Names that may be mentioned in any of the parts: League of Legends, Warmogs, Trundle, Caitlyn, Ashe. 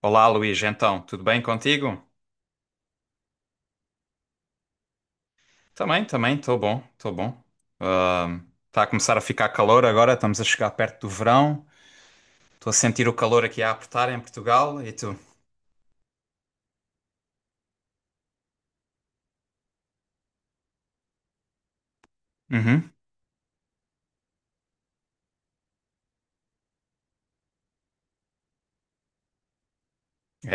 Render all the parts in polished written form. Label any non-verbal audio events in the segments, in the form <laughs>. Olá, Luís, então, tudo bem contigo? Também, também, estou bom, estou bom. Está a começar a ficar calor agora, estamos a chegar perto do verão. Estou a sentir o calor aqui a apertar em Portugal e tu? Uhum.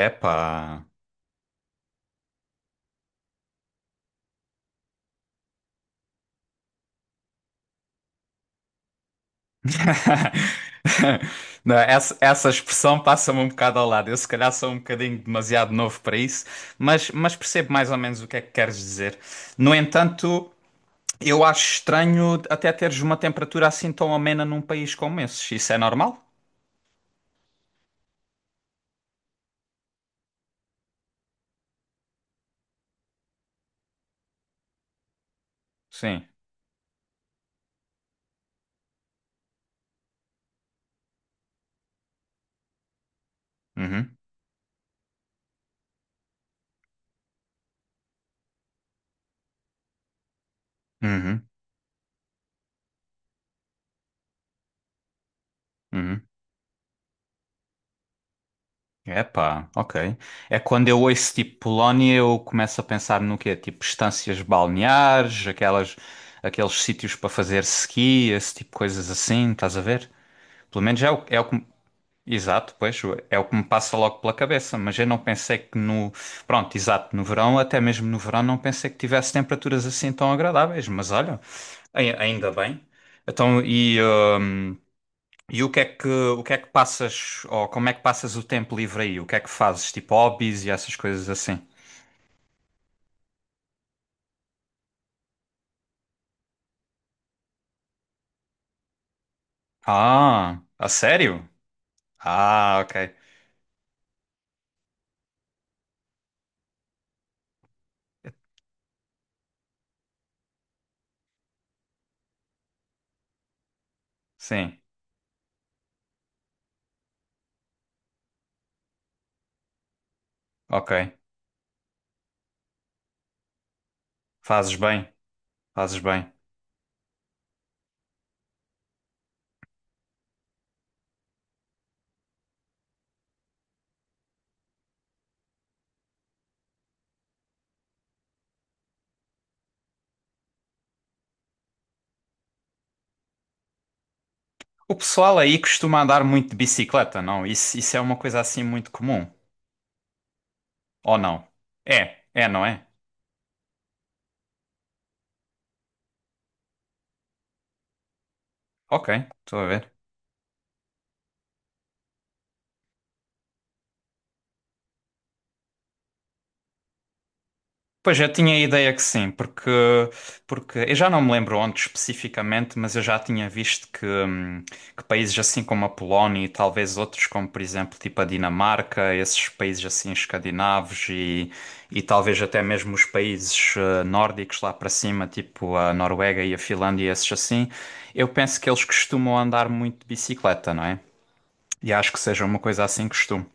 Epá. <laughs> Não, essa expressão passa-me um bocado ao lado. Eu se calhar sou um bocadinho demasiado novo para isso, mas percebo mais ou menos o que é que queres dizer. No entanto, eu acho estranho até teres uma temperatura assim tão amena num país como esse. Isso é normal? Sim. Uhum, uhum, uhum. Epá, ok. É quando eu ouço tipo Polónia, eu começo a pensar no quê? Tipo estâncias balneares, aquelas, aqueles sítios para fazer ski, esse tipo de coisas assim, estás a ver? Pelo menos é o que. Exato, pois, é o que me passa logo pela cabeça, mas eu não pensei que no. Pronto, exato, no verão, até mesmo no verão, não pensei que tivesse temperaturas assim tão agradáveis, mas olha, ainda bem. Então, e o que é que passas, ou como é que passas o tempo livre aí? O que é que fazes? Tipo hobbies e essas coisas assim? Ah, a sério? Ah, ok. Sim, ok. Fazes bem, fazes bem. O pessoal aí costuma andar muito de bicicleta, não? Isso é uma coisa assim muito comum, ou não? É, é, não é? Ok, estou a ver. Pois eu tinha a ideia que sim, porque eu já não me lembro onde especificamente, mas eu já tinha visto que países assim como a Polónia e talvez outros, como por exemplo tipo a Dinamarca, esses países assim escandinavos e talvez até mesmo os países nórdicos lá para cima, tipo a Noruega e a Finlândia, esses assim, eu penso que eles costumam andar muito de bicicleta, não é? E acho que seja uma coisa assim costume.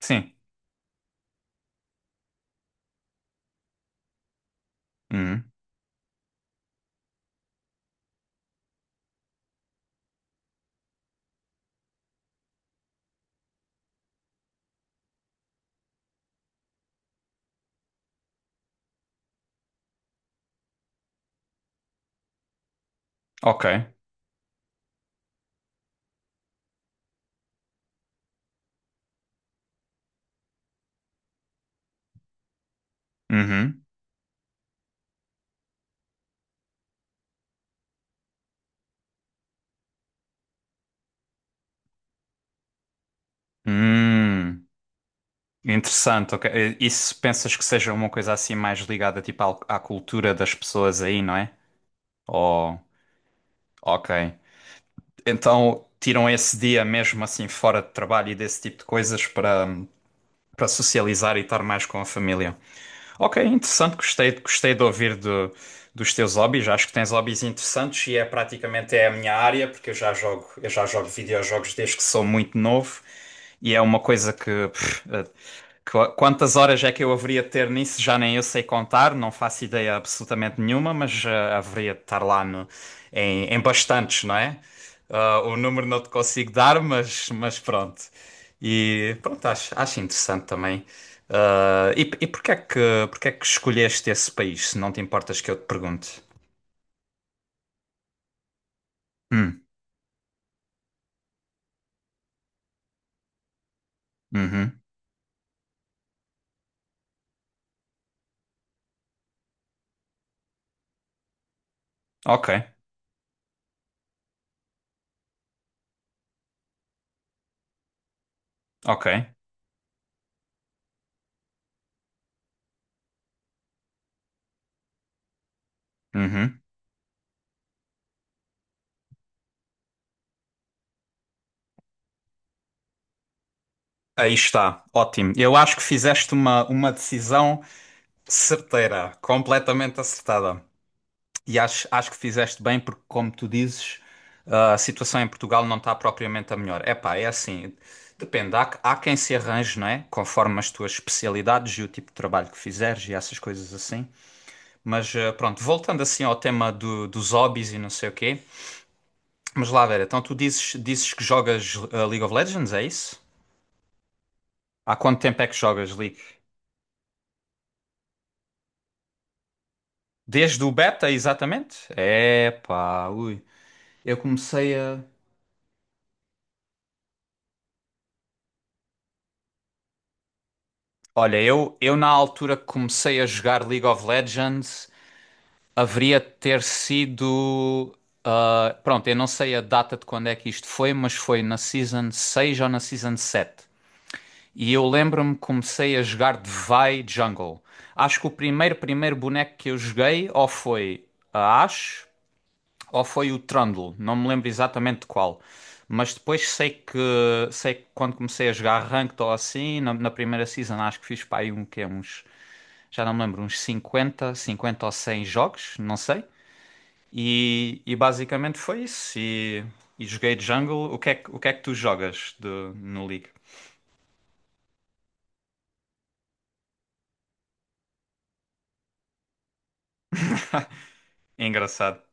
Sim. Hum. Ok. Uhum. Hum. Interessante, ok. E pensas que seja uma coisa assim mais ligada tipo à cultura das pessoas aí, não é? Ou, ok. Então tiram esse dia mesmo assim fora de trabalho e desse tipo de coisas para socializar e estar mais com a família. Ok, interessante, gostei, gostei de ouvir dos teus hobbies. Acho que tens hobbies interessantes e é praticamente é a minha área, porque eu já jogo videojogos desde que sou muito novo e é uma coisa que, quantas horas é que eu haveria de ter nisso, já nem eu sei contar, não faço ideia absolutamente nenhuma, mas haveria de estar lá em bastantes, não é? Ah, o número não te consigo dar, mas pronto. E pronto, acho interessante também. Ah, e porquê é que escolheste esse país, se não te importas que eu te pergunte? Hum, uhum, ok, ok, uhum. Aí está, ótimo. Eu acho que fizeste uma decisão certeira, completamente acertada. E acho que fizeste bem, porque, como tu dizes, a situação em Portugal não está propriamente a melhor. Epá, é assim, depende. Há quem se arranje, não é? Conforme as tuas especialidades e o tipo de trabalho que fizeres e essas coisas assim. Mas pronto, voltando assim ao tema dos hobbies e não sei o quê. Mas lá, Vera, então tu dizes que jogas League of Legends, é isso? Há quanto tempo é que jogas League? Desde o beta, exatamente? É, epá, ui. Eu comecei a. Olha, eu na altura que comecei a jogar League of Legends, haveria de ter sido. Pronto, eu não sei a data de quando é que isto foi, mas foi na Season 6 ou na Season 7. E eu lembro-me que comecei a jogar Vai Jungle. Acho que o primeiro boneco que eu joguei ou foi a Ashe ou foi o Trundle. Não me lembro exatamente de qual. Mas depois sei que quando comecei a jogar Ranked ou assim, na primeira season acho que fiz para aí um, quê? Uns, já não me lembro, uns 50 50 ou 100 jogos, não sei. E basicamente foi isso. E joguei Jungle. O que é que tu jogas de, no League? <laughs> Engraçado.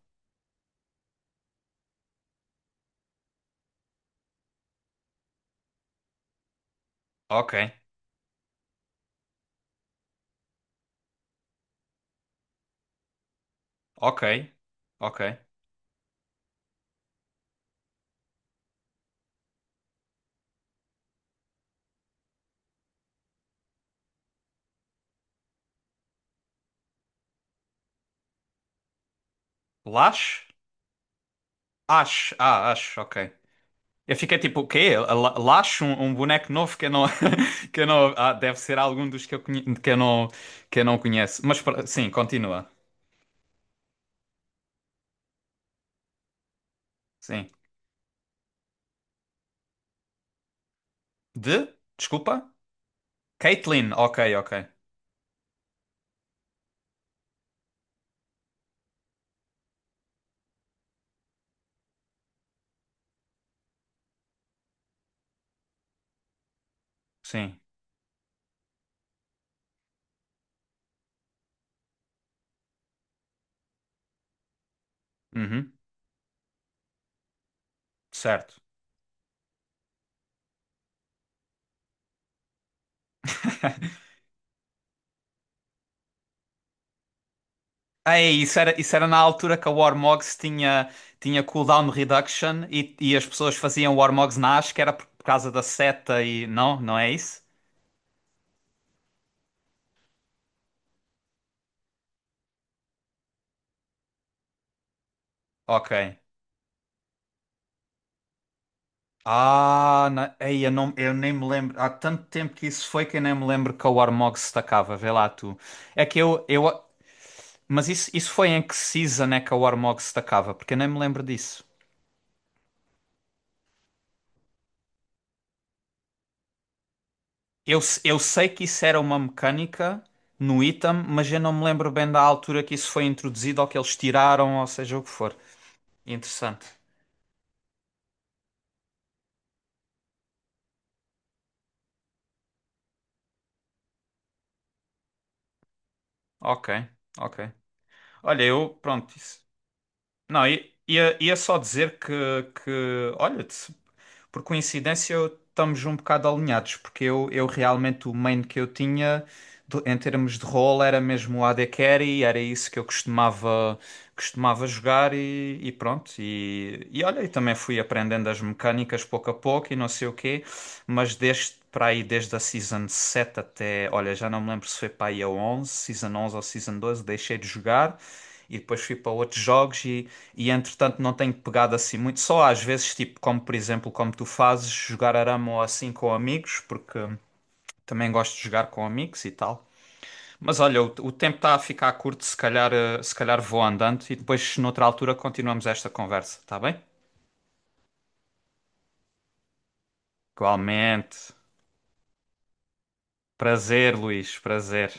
Ok. Ok, ok. Lash? Ash, Ash, ok. Eu fiquei tipo, o quê? A Lash, um boneco novo que eu não, <laughs> que eu não, deve ser algum dos que eu, que eu não conheço. Mas sim, continua. Sim. De? Desculpa? Caitlyn, ok, ok. Sim. Uhum. Certo. <laughs> Ei, isso era na altura que a Warmogs tinha cooldown reduction e as pessoas faziam Warmogs na Ash, que era por causa da seta e... Não? Não é isso? Ok. Ah, ei, eu, não, eu nem me lembro. Há tanto tempo que isso foi que eu nem me lembro que a Warmog se destacava. Vê lá tu. É que eu, mas isso foi em que season é que a Warmog se destacava? Porque eu nem me lembro disso. Eu, eu sei que isso era uma mecânica no item, mas eu não me lembro bem da altura que isso foi introduzido ou que eles tiraram, ou seja o que for. Interessante. Ok, ok. Olha, eu, pronto, isso. Não, ia só dizer que olha-te. Por coincidência, estamos um bocado alinhados, porque eu realmente o main que eu tinha em termos de role era mesmo o AD Carry, era isso que eu costumava jogar e pronto. E olha, e também fui aprendendo as mecânicas pouco a pouco e não sei o quê, mas desde para aí, desde a Season 7 até, olha, já não me lembro se foi para aí a 11, Season 11 ou Season 12 deixei de jogar e depois fui para outros jogos e entretanto não tenho pegado assim muito, só às vezes, tipo, como por exemplo, como tu fazes, jogar arame ou assim com amigos, porque também gosto de jogar com amigos e tal. Mas olha, o tempo está a ficar curto, se calhar, se calhar vou andando e depois noutra altura continuamos esta conversa, tá bem? Igualmente. Prazer, Luís, prazer.